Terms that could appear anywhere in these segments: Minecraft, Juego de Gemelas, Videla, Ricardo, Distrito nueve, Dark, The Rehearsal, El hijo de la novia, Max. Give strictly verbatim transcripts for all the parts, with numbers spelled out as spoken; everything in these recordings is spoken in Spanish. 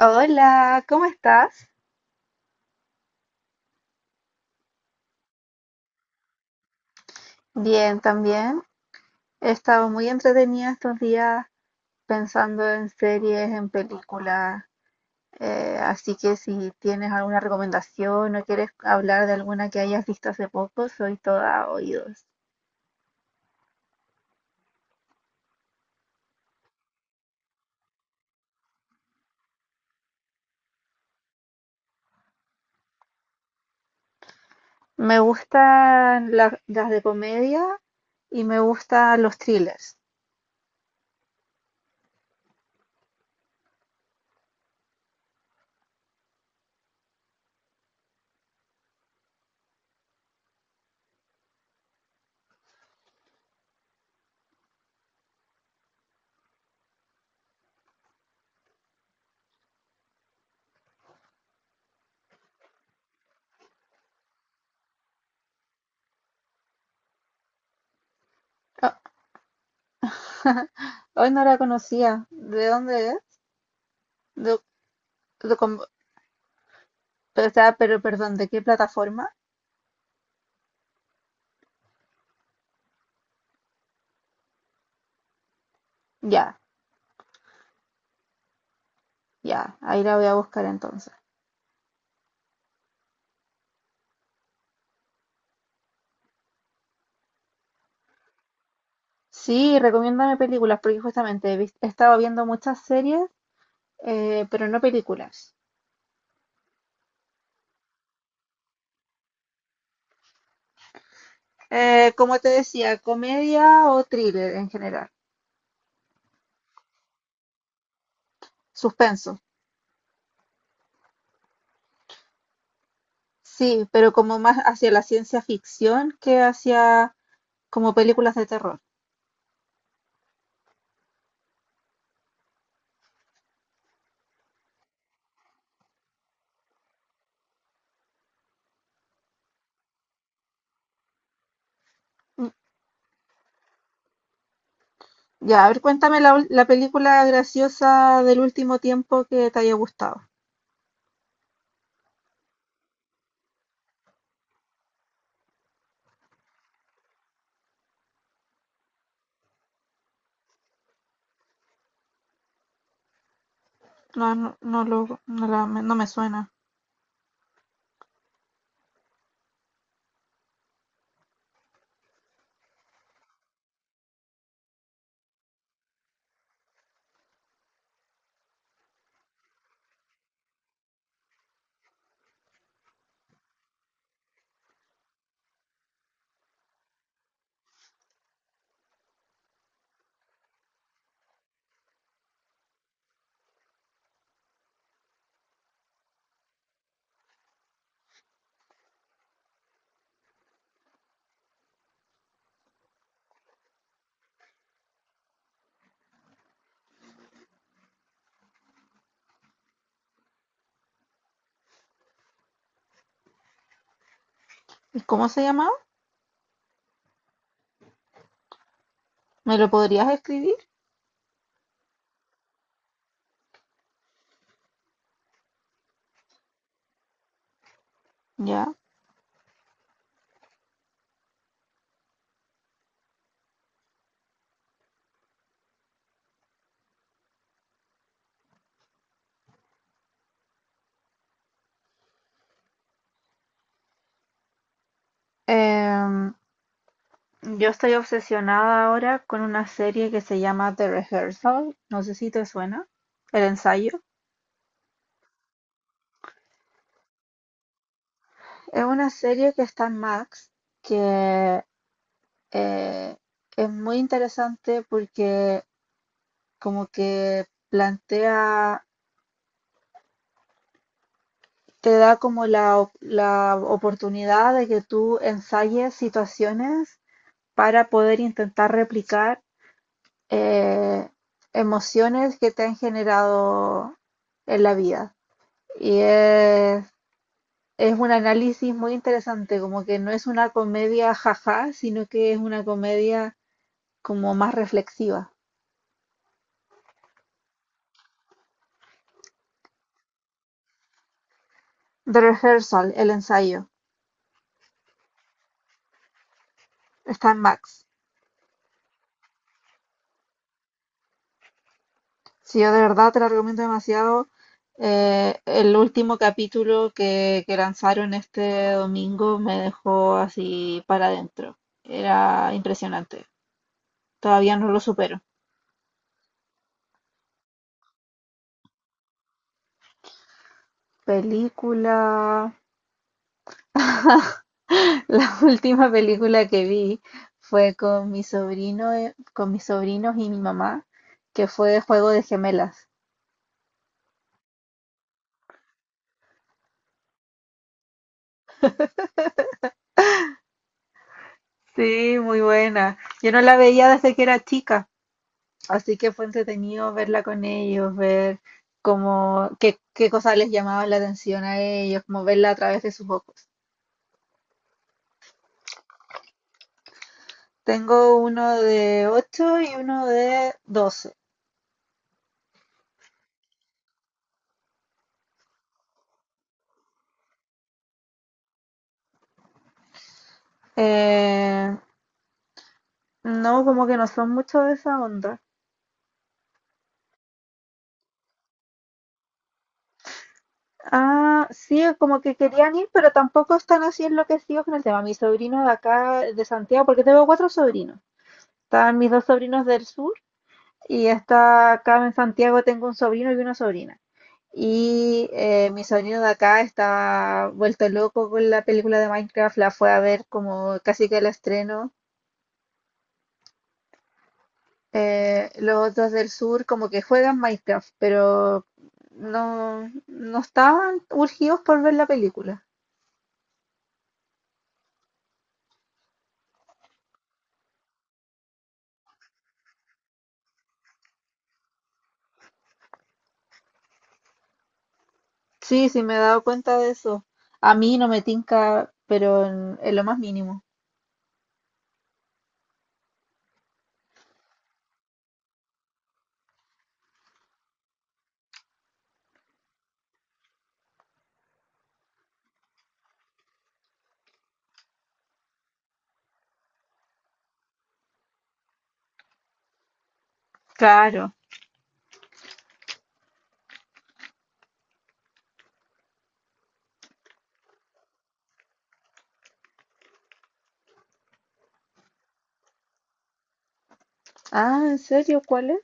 Hola, ¿cómo estás? Bien, también. He estado muy entretenida estos días pensando en series, en películas. Eh, así que si tienes alguna recomendación o quieres hablar de alguna que hayas visto hace poco, soy toda oídos. Me gustan la- las de comedia y me gustan los thrillers. Ah, hoy no la conocía. ¿De dónde es? De- de com- o sea, pero perdón, ¿de qué plataforma? Ya. Ya, ahí la voy a buscar entonces. Sí, recomiéndame películas, porque justamente he vis- he estado viendo muchas series, eh, pero no películas. Eh, como te decía, comedia o thriller en general. Suspenso. Sí, pero como más hacia la ciencia ficción que hacia como películas de terror. Mm, Ya, a ver, cuéntame la, ul- la película graciosa del último tiempo que te haya gustado. No, no, no, lo, no, la- no me suena. ¿Y cómo se llamaba? ¿Me lo podrías escribir? Ya. Em, yo estoy obsesionada ahora con una serie que se llama The Rehearsal. No sé si te suena. El ensayo. Es una serie que está en Max, que eh, es muy interesante porque como que plantea, te da como la, op- la oportunidad de que tú ensayes situaciones para poder intentar replicar eh, emociones que te han generado en la vida. Y es, es un análisis muy interesante, como que no es una comedia jaja, sino que es una comedia como más reflexiva. The Rehearsal, el ensayo, está en Max. Si yo de verdad te la recomiendo demasiado. Eh, el último capítulo que, que lanzaron este domingo me dejó así para adentro. Era impresionante. Todavía no lo supero. Película. La última película que vi fue con mi sobrino, eh, con mis sobrinos y mi mamá, que fue Juego de Gemelas. Sí, muy buena. Yo no la veía desde que era chica, así que fue entretenido verla con ellos, ver cómo, qué, qué cosas les llamaban la atención a ellos, como verla a través de sus ojos. Tengo uno de ocho y uno de doce. Eh, no, como que no son mucho de esa onda. Ah, sí, es como que querían ir, pero tampoco están así enloquecidos con el tema. Mi sobrino de acá, de Santiago, porque tengo cuatro sobrinos. Están mis dos sobrinos del sur y está acá en Santiago tengo un sobrino y una sobrina. Y eh, mi sobrino de acá está vuelto loco con la película de Minecraft, la fue a ver como casi que el estreno. Eh, los otros del sur como que juegan Minecraft, pero no, no estaban urgidos por ver la película. Sí, sí, me he dado cuenta de eso. A mí no me tinca, pero en, en lo más mínimo. Claro. Ah, ¿en serio? ¿Cuál es?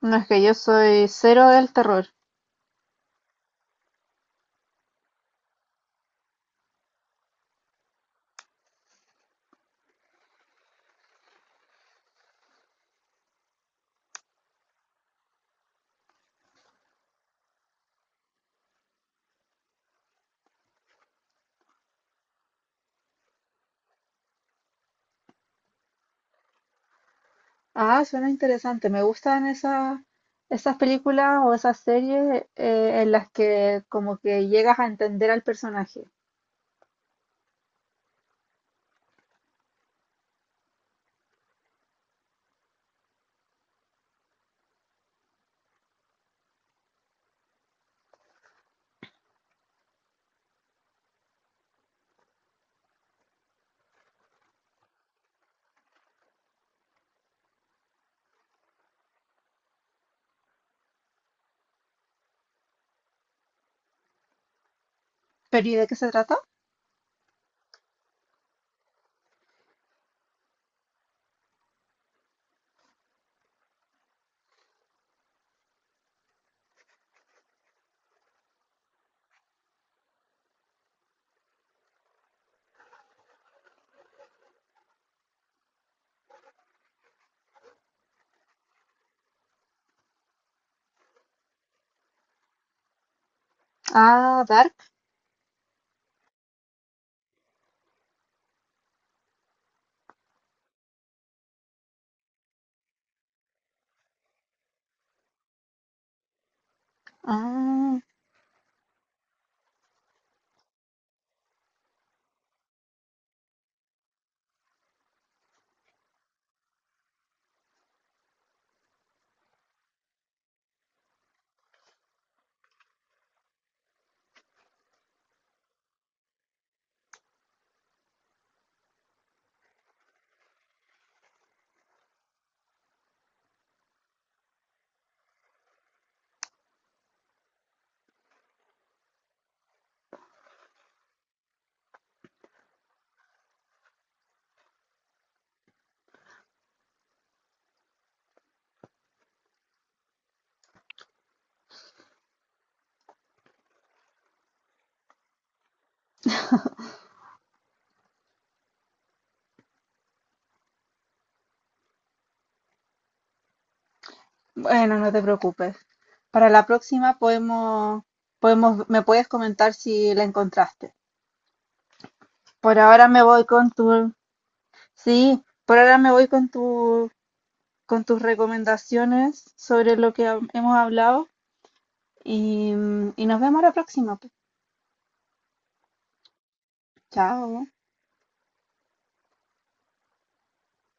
No, es que yo soy cero del terror. Ah, suena interesante. Me gustan esas, esas películas o esas series eh, en las que como que llegas a entender al personaje. ¿Pero y de qué se trata? Ah, Dark. Ah, bueno, no te preocupes. Para la próxima podemos, podemos, me puedes comentar si la encontraste. Por ahora me voy con tu, sí, por ahora me voy con tu, con tus recomendaciones sobre lo que ha- hemos hablado y, mm, y nos vemos la próxima, pues. Chao.